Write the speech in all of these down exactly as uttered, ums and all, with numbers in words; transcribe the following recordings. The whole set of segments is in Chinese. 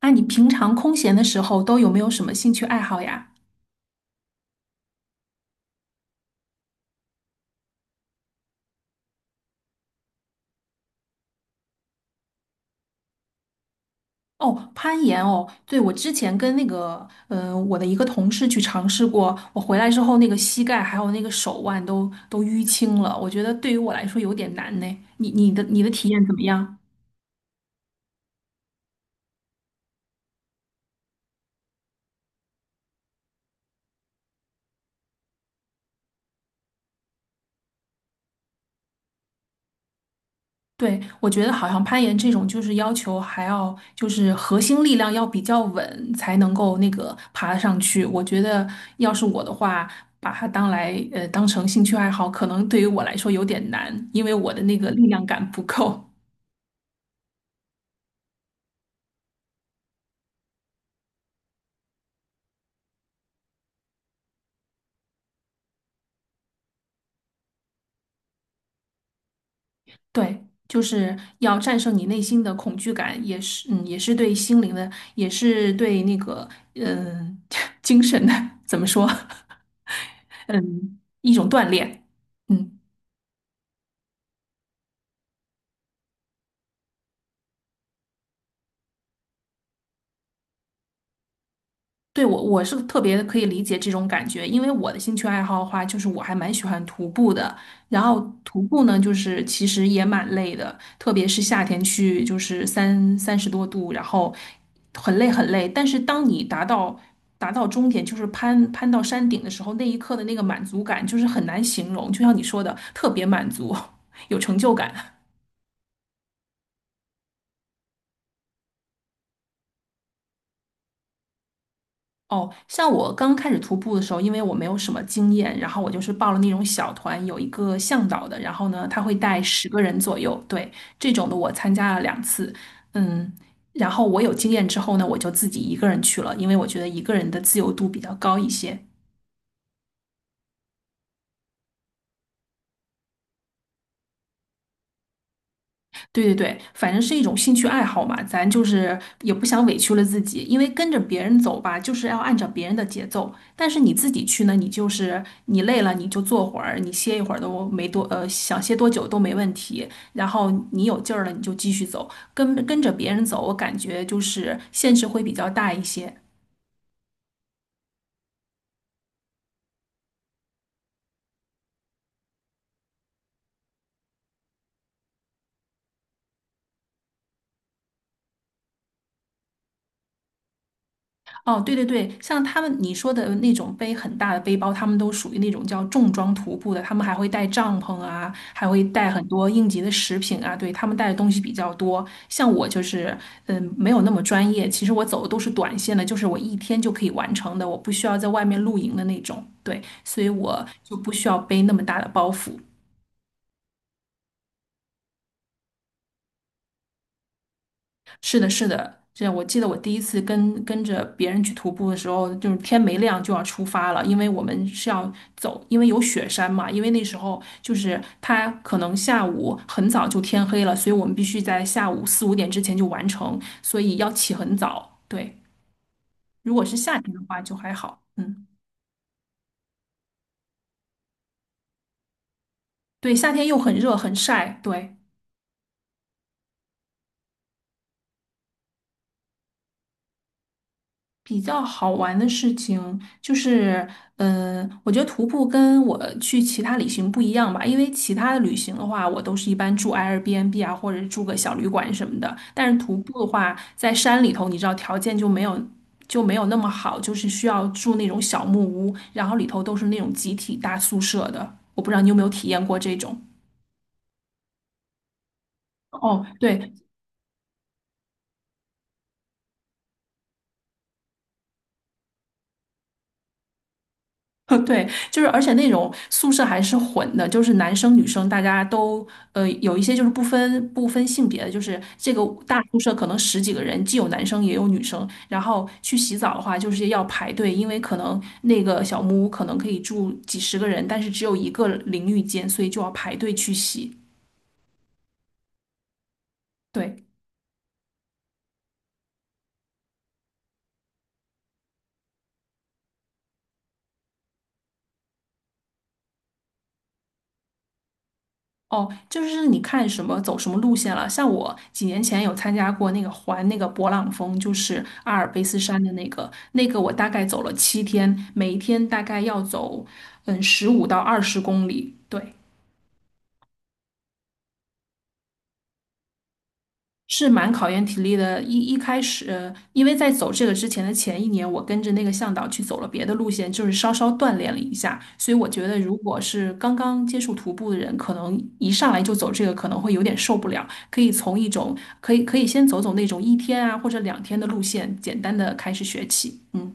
那你平常空闲的时候都有没有什么兴趣爱好呀？哦，攀岩哦，对，我之前跟那个，呃，我的一个同事去尝试过，我回来之后那个膝盖还有那个手腕都都淤青了，我觉得对于我来说有点难呢。你你的你的体验怎么样？对，我觉得好像攀岩这种就是要求还要就是核心力量要比较稳才能够那个爬上去。我觉得要是我的话，把它当来呃当成兴趣爱好，可能对于我来说有点难，因为我的那个力量感不够。对，就是要战胜你内心的恐惧感，也是嗯也是对心灵的，也是对那个嗯、呃 精神的怎么说 嗯一种锻炼。嗯。对，我我是特别可以理解这种感觉，因为我的兴趣爱好的话，就是我还蛮喜欢徒步的。然后徒步呢，就是其实也蛮累的，特别是夏天去，就是三三十多度，然后很累很累。但是当你达到达到终点，就是攀攀到山顶的时候，那一刻的那个满足感，就是很难形容。就像你说的，特别满足，有成就感。哦，像我刚开始徒步的时候，因为我没有什么经验，然后我就是报了那种小团，有一个向导的，然后呢，他会带十个人左右，对，这种的我参加了两次，嗯，然后我有经验之后呢，我就自己一个人去了，因为我觉得一个人的自由度比较高一些。对对对，反正是一种兴趣爱好嘛，咱就是也不想委屈了自己，因为跟着别人走吧，就是要按照别人的节奏。但是你自己去呢，你就是你累了你就坐会儿，你歇一会儿都没多，呃，想歇多久都没问题。然后你有劲儿了，你就继续走，跟跟着别人走，我感觉就是限制会比较大一些。哦，对对对，像他们你说的那种背很大的背包，他们都属于那种叫重装徒步的，他们还会带帐篷啊，还会带很多应急的食品啊，对，他们带的东西比较多。像我就是，嗯，没有那么专业，其实我走的都是短线的，就是我一天就可以完成的，我不需要在外面露营的那种，对，所以我就不需要背那么大的包袱。是的，是的，这我记得我第一次跟跟着别人去徒步的时候，就是天没亮就要出发了，因为我们是要走，因为有雪山嘛，因为那时候就是它可能下午很早就天黑了，所以我们必须在下午四五点之前就完成，所以要起很早。对，如果是夏天的话就还好，嗯，对，夏天又很热很晒，对。比较好玩的事情就是，嗯、我觉得徒步跟我去其他旅行不一样吧，因为其他的旅行的话，我都是一般住 Airbnb 啊，或者住个小旅馆什么的。但是徒步的话，在山里头，你知道条件就没有就没有那么好，就是需要住那种小木屋，然后里头都是那种集体大宿舍的。我不知道你有没有体验过这种。哦，对，对，就是而且那种宿舍还是混的，就是男生女生大家都呃有一些就是不分不分性别的，就是这个大宿舍可能十几个人，既有男生也有女生。然后去洗澡的话，就是要排队，因为可能那个小木屋可能可以住几十个人，但是只有一个淋浴间，所以就要排队去洗。对。哦，就是你看什么走什么路线了。像我几年前有参加过那个环那个勃朗峰，就是阿尔卑斯山的那个，那个我大概走了七天，每一天大概要走嗯十五到二十公里。对，是蛮考验体力的。一一开始，呃因为在走这个之前的前一年，我跟着那个向导去走了别的路线，就是稍稍锻炼了一下。所以我觉得，如果是刚刚接触徒步的人，可能一上来就走这个，可能会有点受不了。可以从一种可以可以先走走那种一天啊或者两天的路线，简单的开始学起。嗯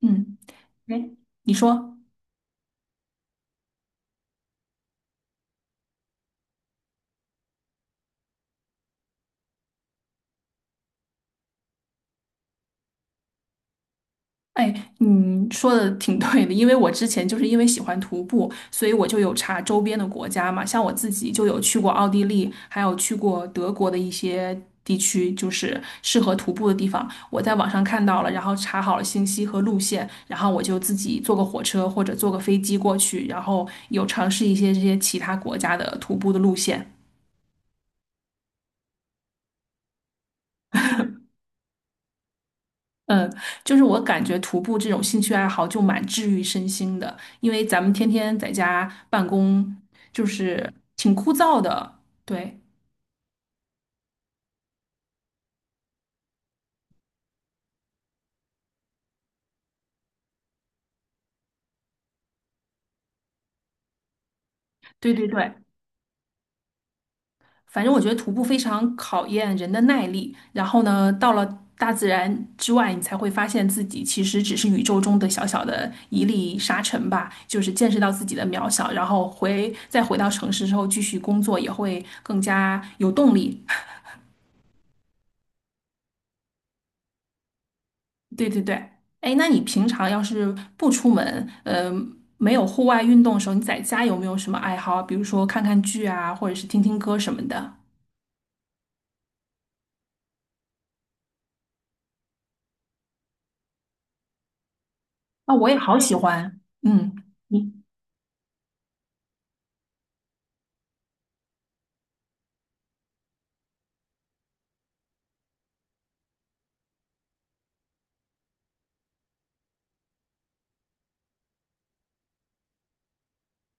嗯，哎，你说。哎，你说的挺对的，因为我之前就是因为喜欢徒步，所以我就有查周边的国家嘛，像我自己就有去过奥地利，还有去过德国的一些地区，就是适合徒步的地方。我在网上看到了，然后查好了信息和路线，然后我就自己坐个火车或者坐个飞机过去，然后有尝试一些这些其他国家的徒步的路线。嗯，就是我感觉徒步这种兴趣爱好就蛮治愈身心的，因为咱们天天在家办公，就是挺枯燥的。对，对对对，反正我觉得徒步非常考验人的耐力。然后呢，到了大自然之外，你才会发现自己其实只是宇宙中的小小的一粒沙尘吧，就是见识到自己的渺小。然后回再回到城市之后，继续工作也会更加有动力。对对对，哎，那你平常要是不出门，呃，没有户外运动的时候，你在家有没有什么爱好啊比如说看看剧啊，或者是听听歌什么的。啊，我也好喜欢。嗯，你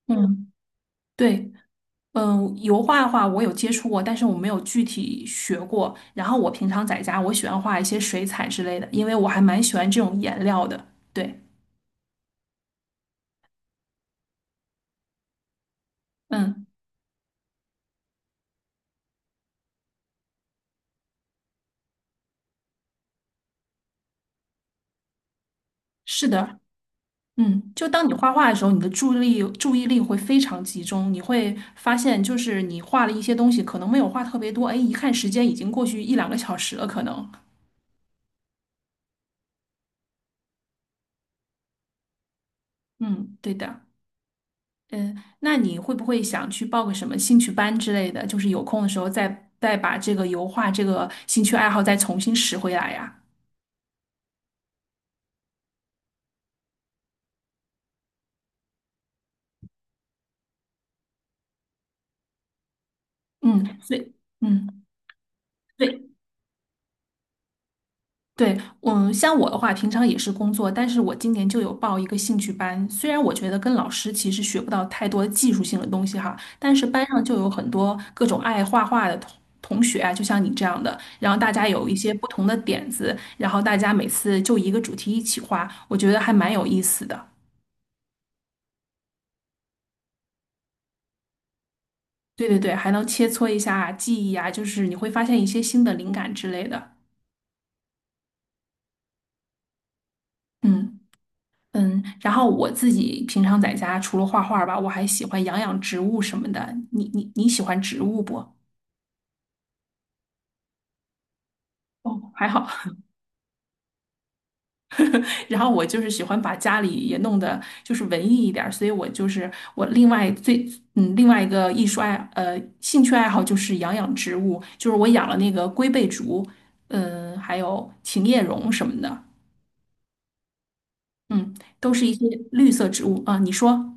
嗯，对，嗯、油画的话我有接触过，但是我没有具体学过。然后我平常在家，我喜欢画一些水彩之类的，因为我还蛮喜欢这种颜料的。对，嗯，是的。嗯，就当你画画的时候，你的注意力注意力会非常集中，你会发现，就是你画了一些东西，可能没有画特别多，哎，一看时间已经过去一两个小时了，可能。嗯，对的。嗯，那你会不会想去报个什么兴趣班之类的？就是有空的时候再再把这个油画这个兴趣爱好再重新拾回来呀？嗯，对，嗯，对。对，嗯，像我的话，平常也是工作，但是我今年就有报一个兴趣班。虽然我觉得跟老师其实学不到太多技术性的东西哈，但是班上就有很多各种爱画画的同同学啊，就像你这样的，然后大家有一些不同的点子，然后大家每次就一个主题一起画，我觉得还蛮有意思的。对对对，还能切磋一下技艺啊，就是你会发现一些新的灵感之类的。嗯。嗯，然后我自己平常在家除了画画吧，我还喜欢养养植物什么的。你你你喜欢植物不？哦，还好。然后我就是喜欢把家里也弄得就是文艺一点儿，所以我就是我另外最嗯另外一个艺术爱呃兴趣爱好就是养养植物，就是我养了那个龟背竹，嗯，还有琴叶榕什么的，嗯，都是一些绿色植物啊。你说？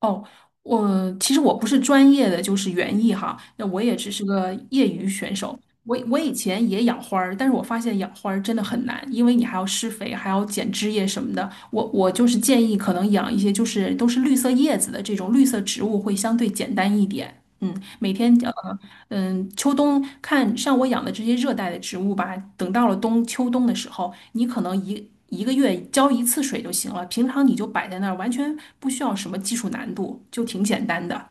哦，我其实我不是专业的，就是园艺哈，那我也只是个业余选手。我我以前也养花儿，但是我发现养花儿真的很难，因为你还要施肥，还要剪枝叶什么的。我我就是建议，可能养一些就是都是绿色叶子的这种绿色植物会相对简单一点。嗯，每天呃嗯，秋冬看像我养的这些热带的植物吧，等到了冬秋冬的时候，你可能一一个月浇一次水就行了，平常你就摆在那儿，完全不需要什么技术难度，就挺简单的。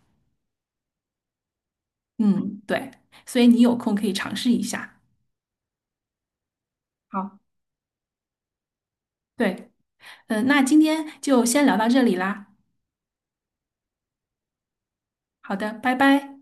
嗯，对，所以你有空可以尝试一下。好，对，嗯，那今天就先聊到这里啦。好的，拜拜。